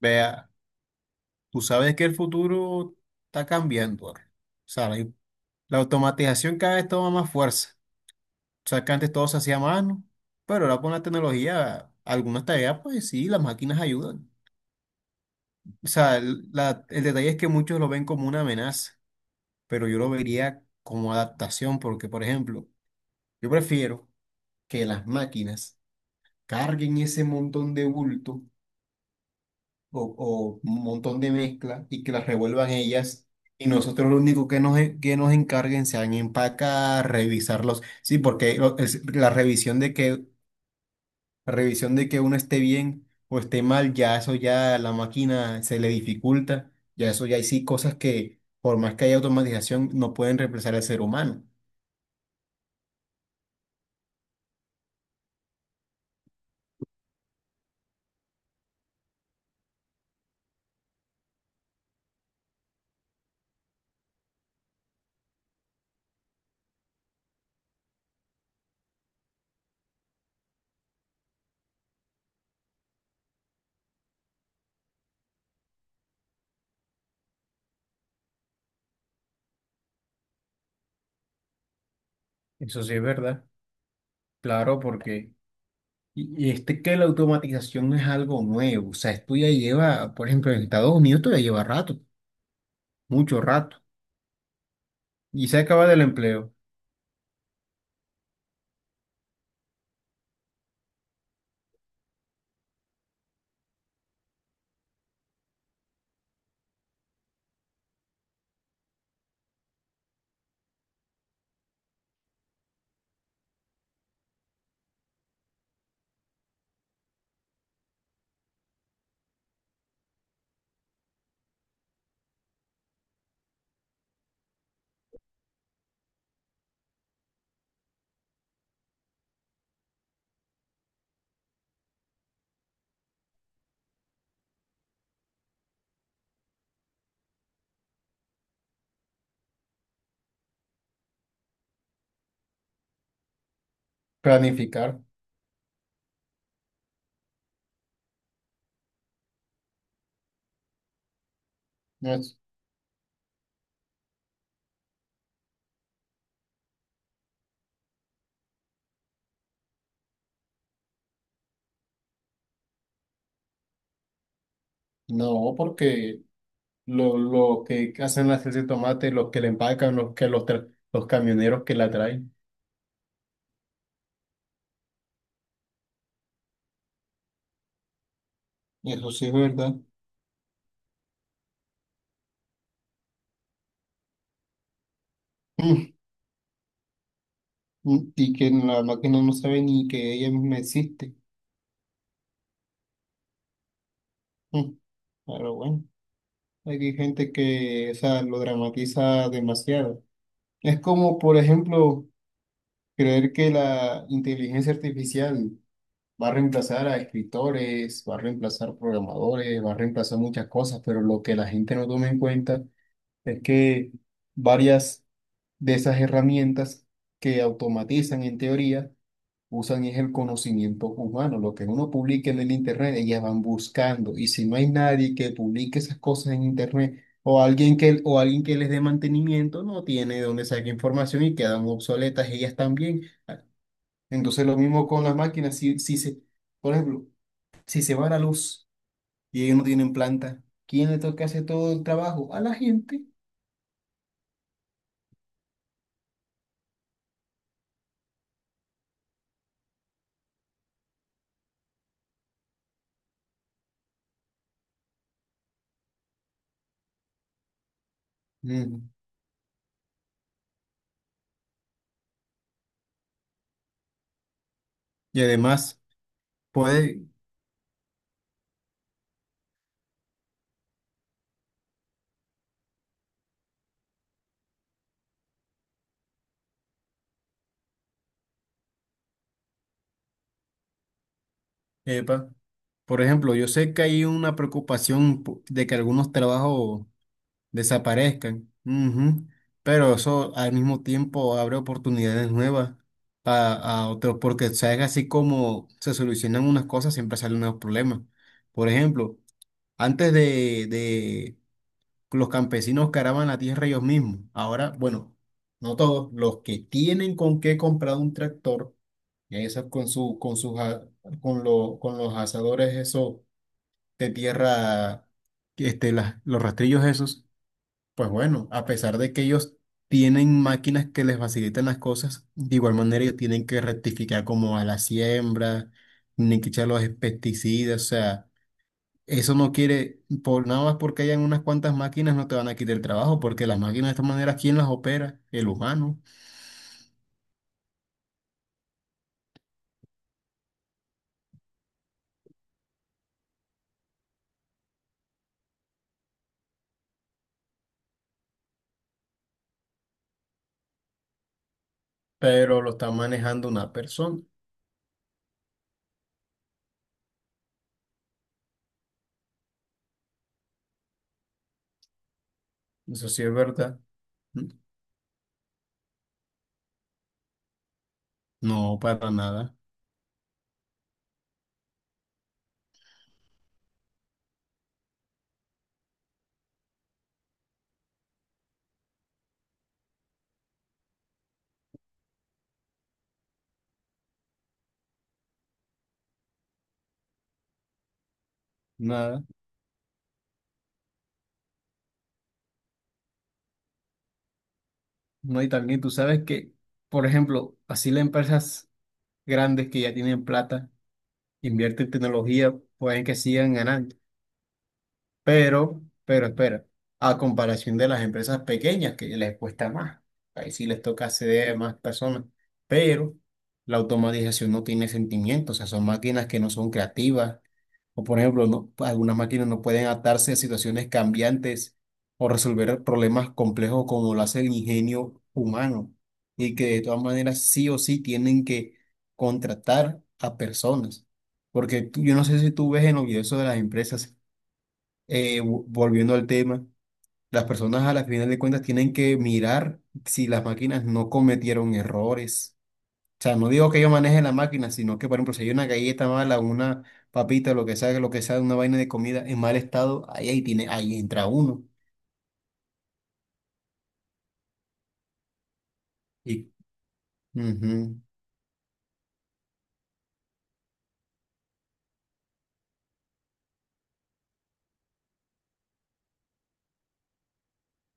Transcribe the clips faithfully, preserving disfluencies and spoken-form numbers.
Vea, tú sabes que el futuro está cambiando ahora. O sea, la, la automatización cada vez toma más fuerza. O sea, que antes todo se hacía a mano, pero ahora con la tecnología, algunas tareas, pues sí, las máquinas ayudan. O sea, el, la- el detalle es que muchos lo ven como una amenaza, pero yo lo vería como adaptación, porque, por ejemplo, yo prefiero que las máquinas carguen ese montón de bulto o, o un montón de mezcla y que las revuelvan ellas. Y nosotros lo único que nos, en- que nos encarguen sean empacar, revisarlos. Sí, porque lo- es- la revisión de que, la revisión de que uno esté bien o esté mal, ya eso ya a la máquina se le dificulta. Ya eso ya hay sí cosas que, por más que haya automatización, no pueden reemplazar al ser humano. Eso sí es verdad. Claro, porque... Y y este que la automatización no es algo nuevo, o sea, esto ya lleva, por ejemplo, en Estados Unidos esto ya lleva rato, mucho rato. Y se acaba del empleo. Planificar. No, es- no, porque lo, lo que hacen las salsa de tomate, los que la empacan, los que los, tra- los camioneros que la traen. Eso sí es verdad. Mm, mm, y que la máquina no sabe ni que ella misma existe. Mm, pero bueno, hay gente que, o sea, lo dramatiza demasiado. Es como, por ejemplo, creer que la inteligencia artificial va a reemplazar a escritores, va a reemplazar programadores, va a reemplazar muchas cosas, pero lo que la gente no toma en cuenta es que varias de esas herramientas que automatizan en teoría usan es el conocimiento humano, lo que uno publica en el internet, ellas van buscando y si no hay nadie que publique esas cosas en internet o alguien que o alguien que les dé mantenimiento no tiene de dónde sacar información y quedan obsoletas ellas también. Entonces lo mismo con las máquinas, si, si se por ejemplo, si se va la luz y ellos no tienen planta, ¿quién le toca hacer todo el trabajo? A la gente. Mm. Y además, puede, epa, por ejemplo, yo sé que hay una preocupación po- de que algunos trabajos desaparezcan, ujú, pero eso al mismo tiempo abre oportunidades nuevas a, a otros, porque sabes así como se solucionan unas cosas, siempre salen nuevos problemas. Por ejemplo, antes de, los campesinos que araban la tierra ellos mismos. Ahora, bueno, no todos, los que tienen con qué comprar un tractor, y esos con su, con sus, a- con lo- con los asadores esos de tierra, que, este, las- los rastrillos esos, pues bueno, a pesar de que ellos tienen máquinas que les facilitan las cosas, de igual manera ellos tienen que rectificar como a la siembra, ni que echar los pesticidas, o sea. Eso no quiere, por nada más porque hayan unas cuantas máquinas, no te van a quitar el trabajo, porque las máquinas de esta manera, ¿quién las opera? El humano, pero lo está manejando una persona. Eso sí es verdad. No, para nada, nada. No, y también tú sabes que, por ejemplo, así las empresas grandes que ya tienen plata, invierten en tecnología, pueden que sigan ganando. Pero, pero espera, a comparación de las empresas pequeñas que les cuesta más, ahí sí les toca acceder a más personas, pero la automatización no tiene sentimientos, o sea, son máquinas que no son creativas, o por ejemplo, no- algunas máquinas no pueden adaptarse a situaciones cambiantes o resolver problemas complejos como lo hace el ingenio humano, y que de todas maneras sí o sí tienen que contratar a personas, porque tú- yo no sé si tú ves en los videos de las empresas eh, vo- volviendo al tema, las personas a la final de cuentas tienen que mirar si las máquinas no cometieron errores. O sea, no digo que yo maneje la máquina, sino que, por ejemplo, si hay una galleta mala, una papita, lo que sea, lo que sea, una vaina de comida en mal estado, ahí, ahí tiene, ahí entra uno. Y, ujú,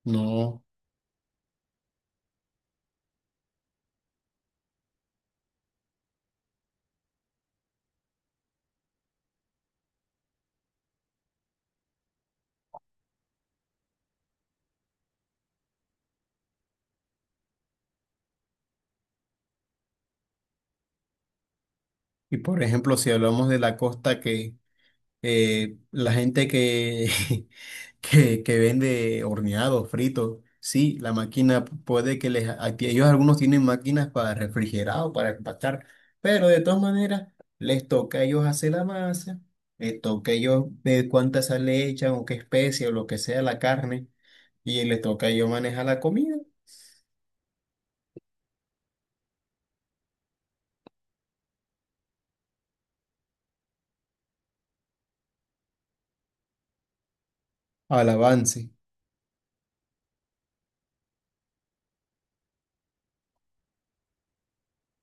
no. Y por ejemplo, si hablamos de la costa que eh, la gente que, que, que vende horneados, fritos, sí, la máquina puede que les... a ti- Ellos algunos tienen máquinas para refrigerado, para empacar, pero de todas maneras les toca a ellos hacer la masa, les toca a ellos ver cuánta sal le echan o qué especie o lo que sea la carne, y les toca a ellos manejar la comida al avance,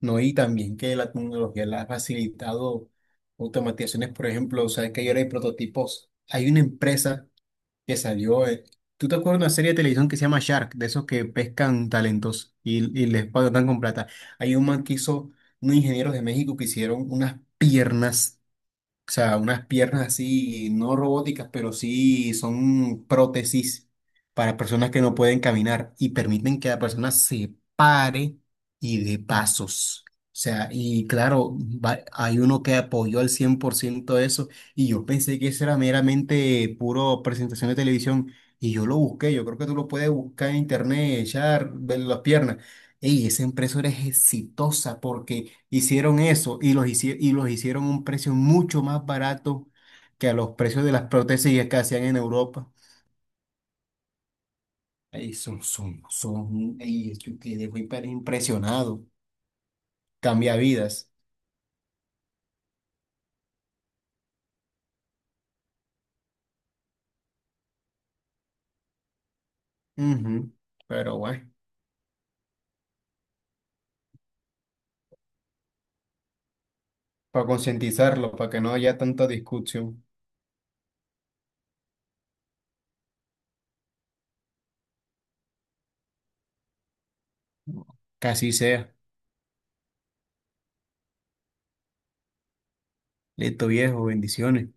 ¿no? Y también que la tecnología la ha facilitado automatizaciones, por ejemplo, o sea, que ahora hay prototipos. Hay una empresa que salió. eh, ¿Tú te acuerdas de una serie de televisión que se llama Shark, de esos que pescan talentos y, y les pagan con plata? Hay un man que hizo, unos ingenieros de México que hicieron unas piernas. O sea, unas piernas así, no robóticas, pero sí son prótesis para personas que no pueden caminar y permiten que la persona se pare y de pasos. O sea, y claro, va- hay uno que apoyó al cien por ciento eso y yo pensé que eso era meramente puro presentación de televisión y yo lo busqué, yo creo que tú lo puedes buscar en internet, echar, ver las piernas. Ey, esa empresa era exitosa porque hicieron eso y los, hici- y los hicieron a un precio mucho más barato que a los precios de las prótesis que hacían en Europa. Ahí son, son, son, y yo quedé muy per- impresionado. Cambia vidas. Ujú. Pero bueno, para concientizarlo, para que no haya tanta discusión. Casi sea. Listo, viejo, bendiciones.